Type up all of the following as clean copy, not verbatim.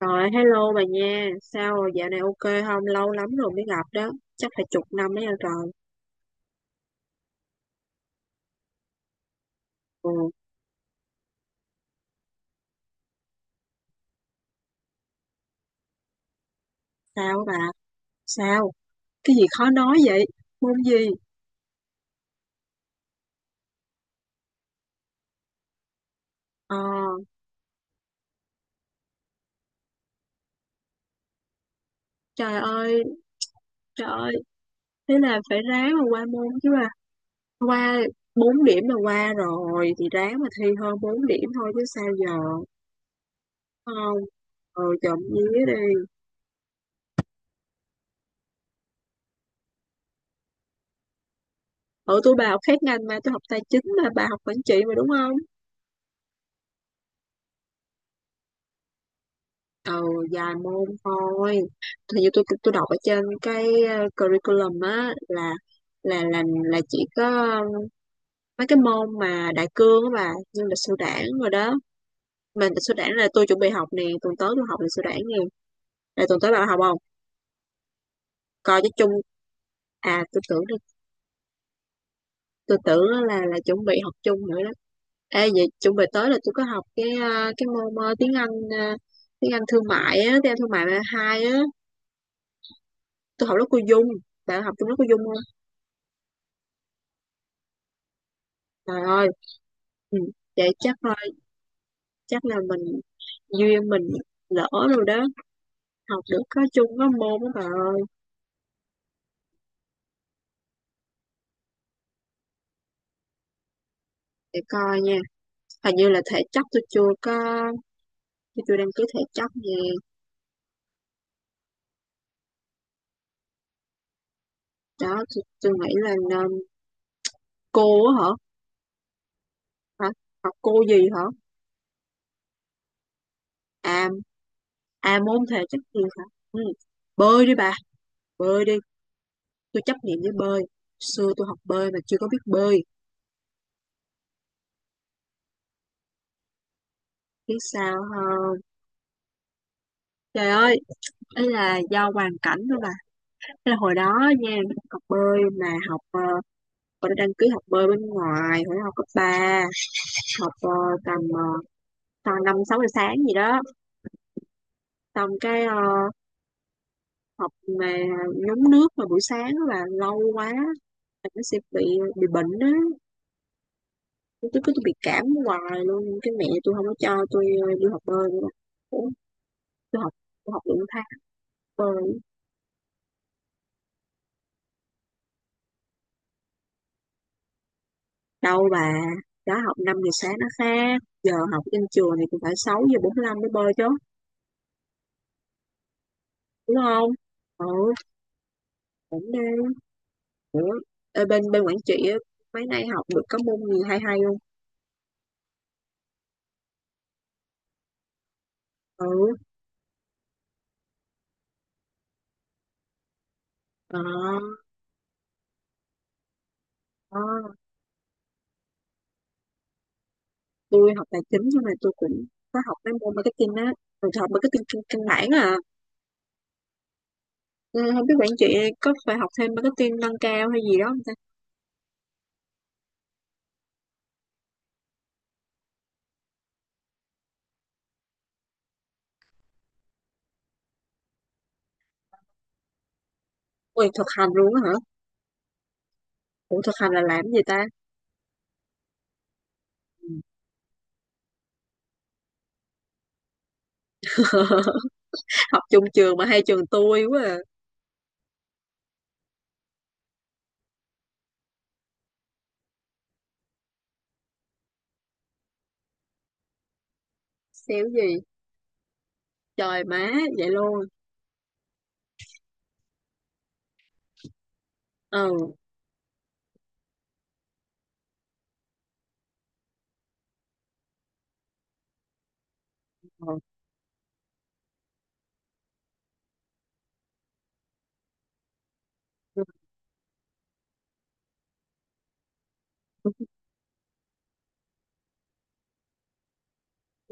Rồi, hello bà nha. Sao rồi, dạo này ok không? Lâu lắm rồi mới gặp đó. Chắc phải chục năm đấy rồi. Ừ, sao bà? Sao? Cái gì khó nói vậy? Môn gì? Ờ, trời ơi, trời ơi. Thế là phải ráng mà qua môn chứ bà. Qua 4 điểm là qua rồi. Thì ráng mà thi hơn 4 điểm thôi chứ sao giờ. Đúng. Không, ừ, trộm vía đi. Ở tôi bà học khác ngành mà tôi học tài chính mà bà học quản trị mà đúng không? Ừ, dài môn thôi, thì như tôi đọc ở trên cái curriculum á, là là chỉ có mấy cái môn mà đại cương á bà, như lịch sử đảng rồi đó. Mà lịch sử đảng là tôi chuẩn bị học nè, tuần tới tôi học lịch sử đảng nè, là tuần tới bà học không, coi cho chung. à tôi tưởng là- tôi tưởng á là chuẩn bị học chung nữa đó. Ê, vậy chuẩn bị tới là tôi có học cái cái môn tiếng Anh, ờ, tiếng Anh thương mại á, tiếng Anh thương mại hai á. Tôi học lớp cô Dung, bạn học chung lớp cô Dung không? Trời ơi, ừ. Vậy chắc thôi, chắc là mình duyên mình lỡ rồi đó, học được có chung có môn đó bà ơi. Để coi nha, hình như là thể chất tôi chưa có, tôi chưa đăng ký thể chất nè. Đó tôi nghĩ là nên cô á hả, hả, học cô gì hả? À, à môn thể chất gì hả? Ừ. Bơi đi bà, bơi đi, tôi chấp nhận với bơi, xưa tôi học bơi mà chưa có biết bơi. Biết sao không? Trời ơi, ấy là do hoàn cảnh thôi bà. Thế là hồi đó nha, học bơi mà học mình đã đăng ký học bơi bên ngoài hồi đó học cấp ba, học tầm tầm năm sáu giờ sáng gì đó, xong cái học mà nhúng nước mà buổi sáng á là lâu quá, là nó sẽ bị, bị bệnh á. Tôi cứ, tôi bị cảm hoài luôn, cái mẹ tôi không có cho tôi đi học bơi nữa. Ủa, tôi học tôi học được một tháng. Bơi đâu bà, đó học 5 giờ sáng nó khác, giờ học trên trường thì cũng phải 6 giờ bốn lăm mới bơi chứ, đúng không? Ừ, cũng đang nữa. Ê, bên bên quản trị á, mấy nay học được có môn gì hay hay không? Ừ, ờ, ờ. Tôi học tài chính nhưng mà tôi cũng có học mấy môn marketing á, rồi tôi học marketing căn căn bản à. Ừ, không biết quản trị có phải học thêm marketing nâng cao hay gì đó không ta. Ui, thực hành luôn á hả? Ủa thực hành là làm gì ta? Học chung trường mà hai trường tôi quá à. Xéo gì, trời má, vậy luôn? Ừ, ờ,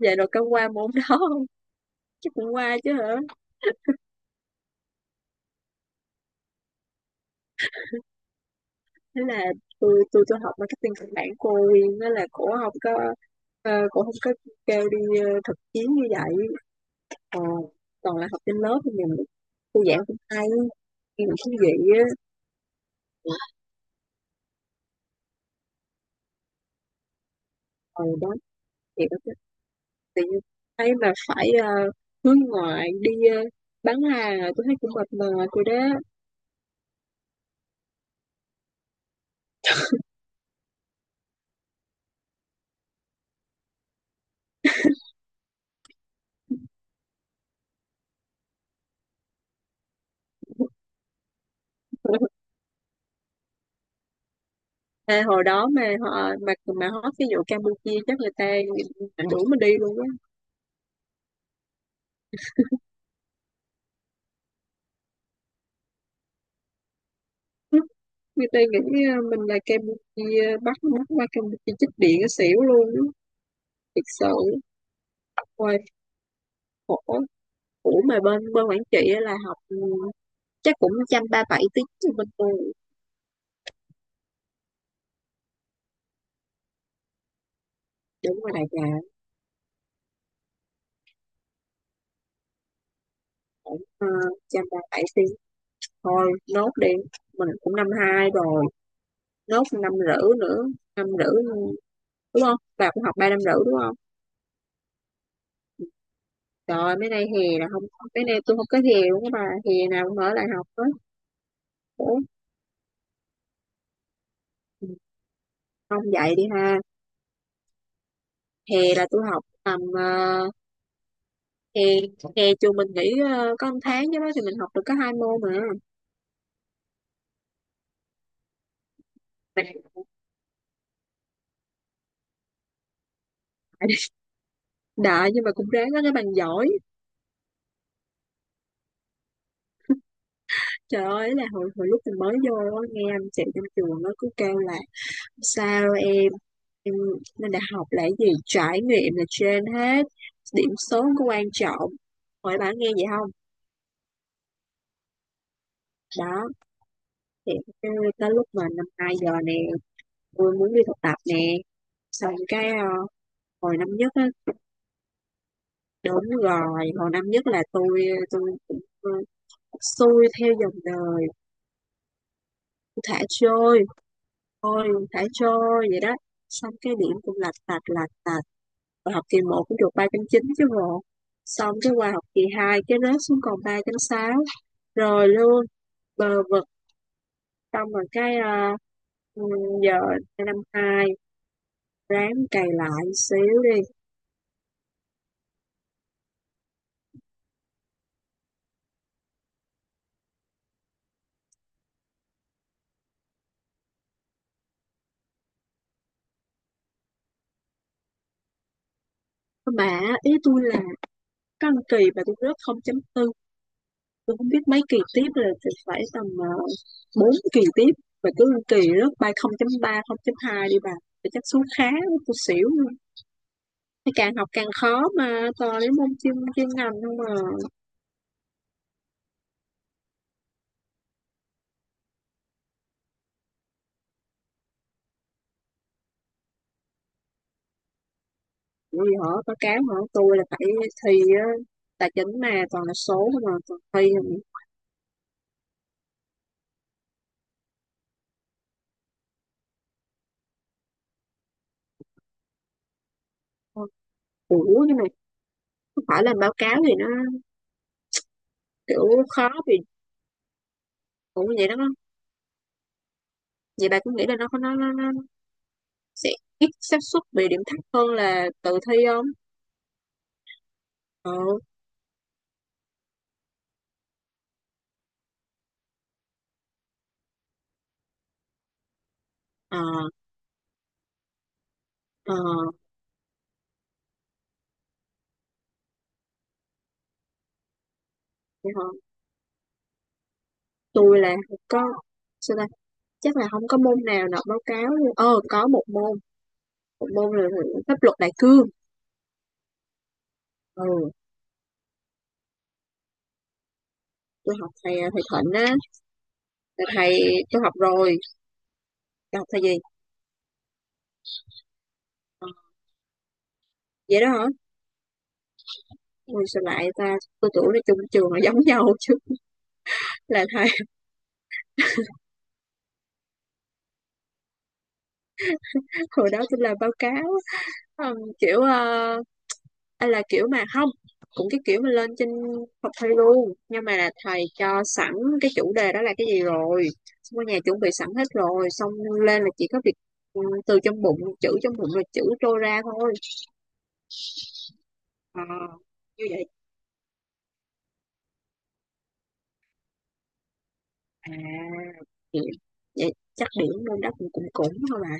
vậy rồi có qua môn đó không? Chắc cũng qua chứ hả? Thế là tôi học marketing căn bản cô Uyên đó, là cổ không có, cổ không có kêu đi thực chiến như vậy. Ờ, toàn là học trên lớp thì mình, cô giảng cũng hay nhưng mà thú vị á. Ờ đó, thì đó, tự nhiên thấy mà phải hướng ngoại đi bán hàng à, tôi thấy cũng mệt mỏi rồi đó. À, hồi đó mà họ mà hót cái vụ Campuchia chắc người ta đuổi mình đi luôn á. Người ta nghĩ mình là Campuchia bắt mắt qua Campuchia chích điện cái xỉu luôn á, thiệt sự hoài, khổ. Ủa mà bên bên Quảng Trị á là học ừ, chắc cũng trăm ba bảy tiếng cho bên tôi. Đúng rồi đại trà, cũng trăm ba bảy tiếng thôi, nốt đi, mình cũng năm hai rồi, nốt năm rưỡi nữa, năm rưỡi, đúng không, bà cũng học ba năm rưỡi đúng không? Trời ơi, mấy nay hè là không, mấy nay tôi không có hè luôn các bà, hè nào cũng ở lại học á. Ủa không dạy đi ha? Hè là tôi học tầm hè hè trường mình nghỉ có một tháng chứ đó, thì mình học được có hai môn mà. Mình đại nhưng mà cũng ráng có cái bằng giỏi. Trời ơi là hồi hồi lúc mình mới vô á, nghe anh chị trong trường nó cứ kêu là sao em lên đại học là cái gì trải nghiệm là trên hết, điểm số không có quan trọng, hỏi bạn nghe vậy không? Đó thì cái- tới lúc mà năm hai giờ nè, tôi muốn đi thực tập nè, xong cái hồi năm nhất á. Đúng rồi, hồi năm nhất là tôi cũng xuôi theo dòng đời, thả trôi, thôi thả trôi vậy đó. Xong cái điểm cũng lạch tạch lạch tạch. Và học kỳ một cũng được 3 chín chứ bộ. Xong cái qua học kỳ 2 cái rớt xuống còn 3 sáu rồi luôn, bờ vực, xong rồi cái ừ, giờ năm 2 ráng cày lại xíu đi. Mà ý tôi là có một kỳ mà tôi rớt không chấm tư, tôi không biết mấy kỳ tiếp rồi thì phải tầm 4 kỳ tiếp và cứ kỳ rớt ba 0.3 0.2 đi bà thì chắc số khá, tôi xỉu luôn. Thế càng học càng khó mà toàn đến môn chuyên chuyên ngành không mà. Vì họ báo cáo họ tôi là phải thi á, tài chính mà toàn là số mà toàn thi không. Ủa nhưng mà không phải làm báo cáo thì nó kiểu khó vì cũng vậy đó không? Vậy bà cũng nghĩ là nó sẽ ít xác suất bị điểm thấp hơn là tự thi không? Ừ, ờ, ờ. Dạ hả? Tôi là không có, sao ta? Chắc là không có môn nào nộp báo cáo luôn. Ờ có một môn là pháp luật đại cương. Ừ, tôi học thầy à, thầy Thịnh á, là thầy tôi học rồi. Tôi học thầy gì? Ờ, vậy đó hả? Ui sao lại ta, tôi tưởng là chung trường là giống nhau chứ. Là thầy. Hồi đó tôi làm báo cáo. Ờ, kiểu anh là kiểu mà không, cũng cái kiểu mà lên trên học thầy luôn nhưng mà là thầy cho sẵn cái chủ đề đó là cái gì rồi, xong ở nhà chuẩn bị sẵn hết rồi, xong lên là chỉ có việc từ trong bụng chữ, trong bụng là chữ trôi ra thôi. Ờ, như vậy à. Vậy, vậy chắc điểm môn đó cũng cũng cũng thôi mà.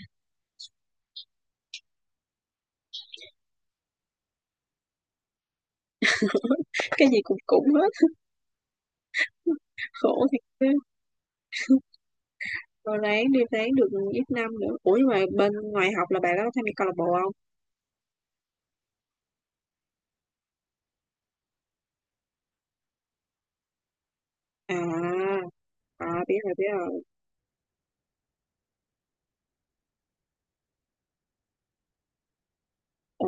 Cái gì cũng cũng hết. Khổ thiệt cứ, rồi ráng đi, ráng được ít năm nữa. Ủa nhưng mà bên ngoài học là bạn đó có tham gia câu lạc bộ không? À, à biết rồi biết rồi, ờ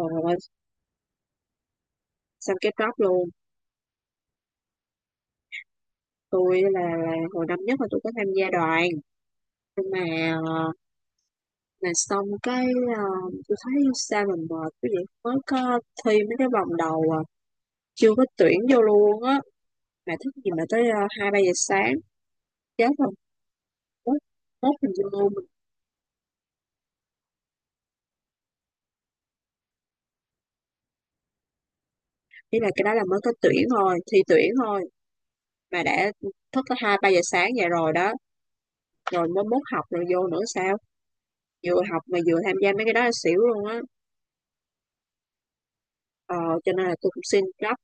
xong cái drop luôn. Tôi là hồi năm nhất là tôi có tham gia đoàn, nhưng mà mà xong cái ờ, tôi thấy sao mình mệt cái vậy, mới có thi mấy cái vòng đầu à, chưa có tuyển vô luôn á mà thức gì mà tới hai ba giờ sáng, chết rồi. Mốt mốt mình vô mình nghĩ là cái đó là mới có tuyển thôi, thi tuyển thôi mà đã thức tới hai ba giờ sáng vậy rồi đó, rồi mới mốt học rồi vô nữa sao, vừa học mà vừa tham gia mấy cái đó là xỉu luôn á. Ờ, cho nên là tôi cũng xin drop,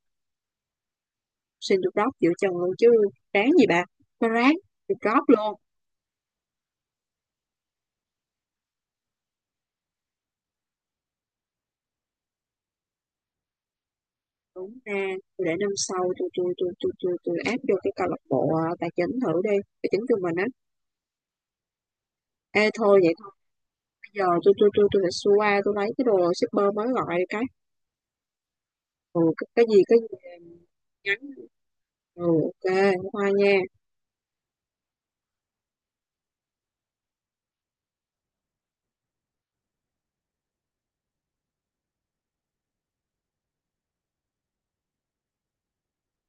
xin được drop giữa chừng luôn chứ. Ráng gì bà, nó ráng được drop luôn. Đúng ra tôi để năm sau tôi áp vô cái câu lạc bộ à, tài chính thử đi, tài chính của mình á. Ê thôi vậy thôi, bây giờ tôi phải xua qua tôi lấy cái đồ shipper mới gọi cái. Ừ cái gì cái gì, nhắn. Ừ ok, hoa nha.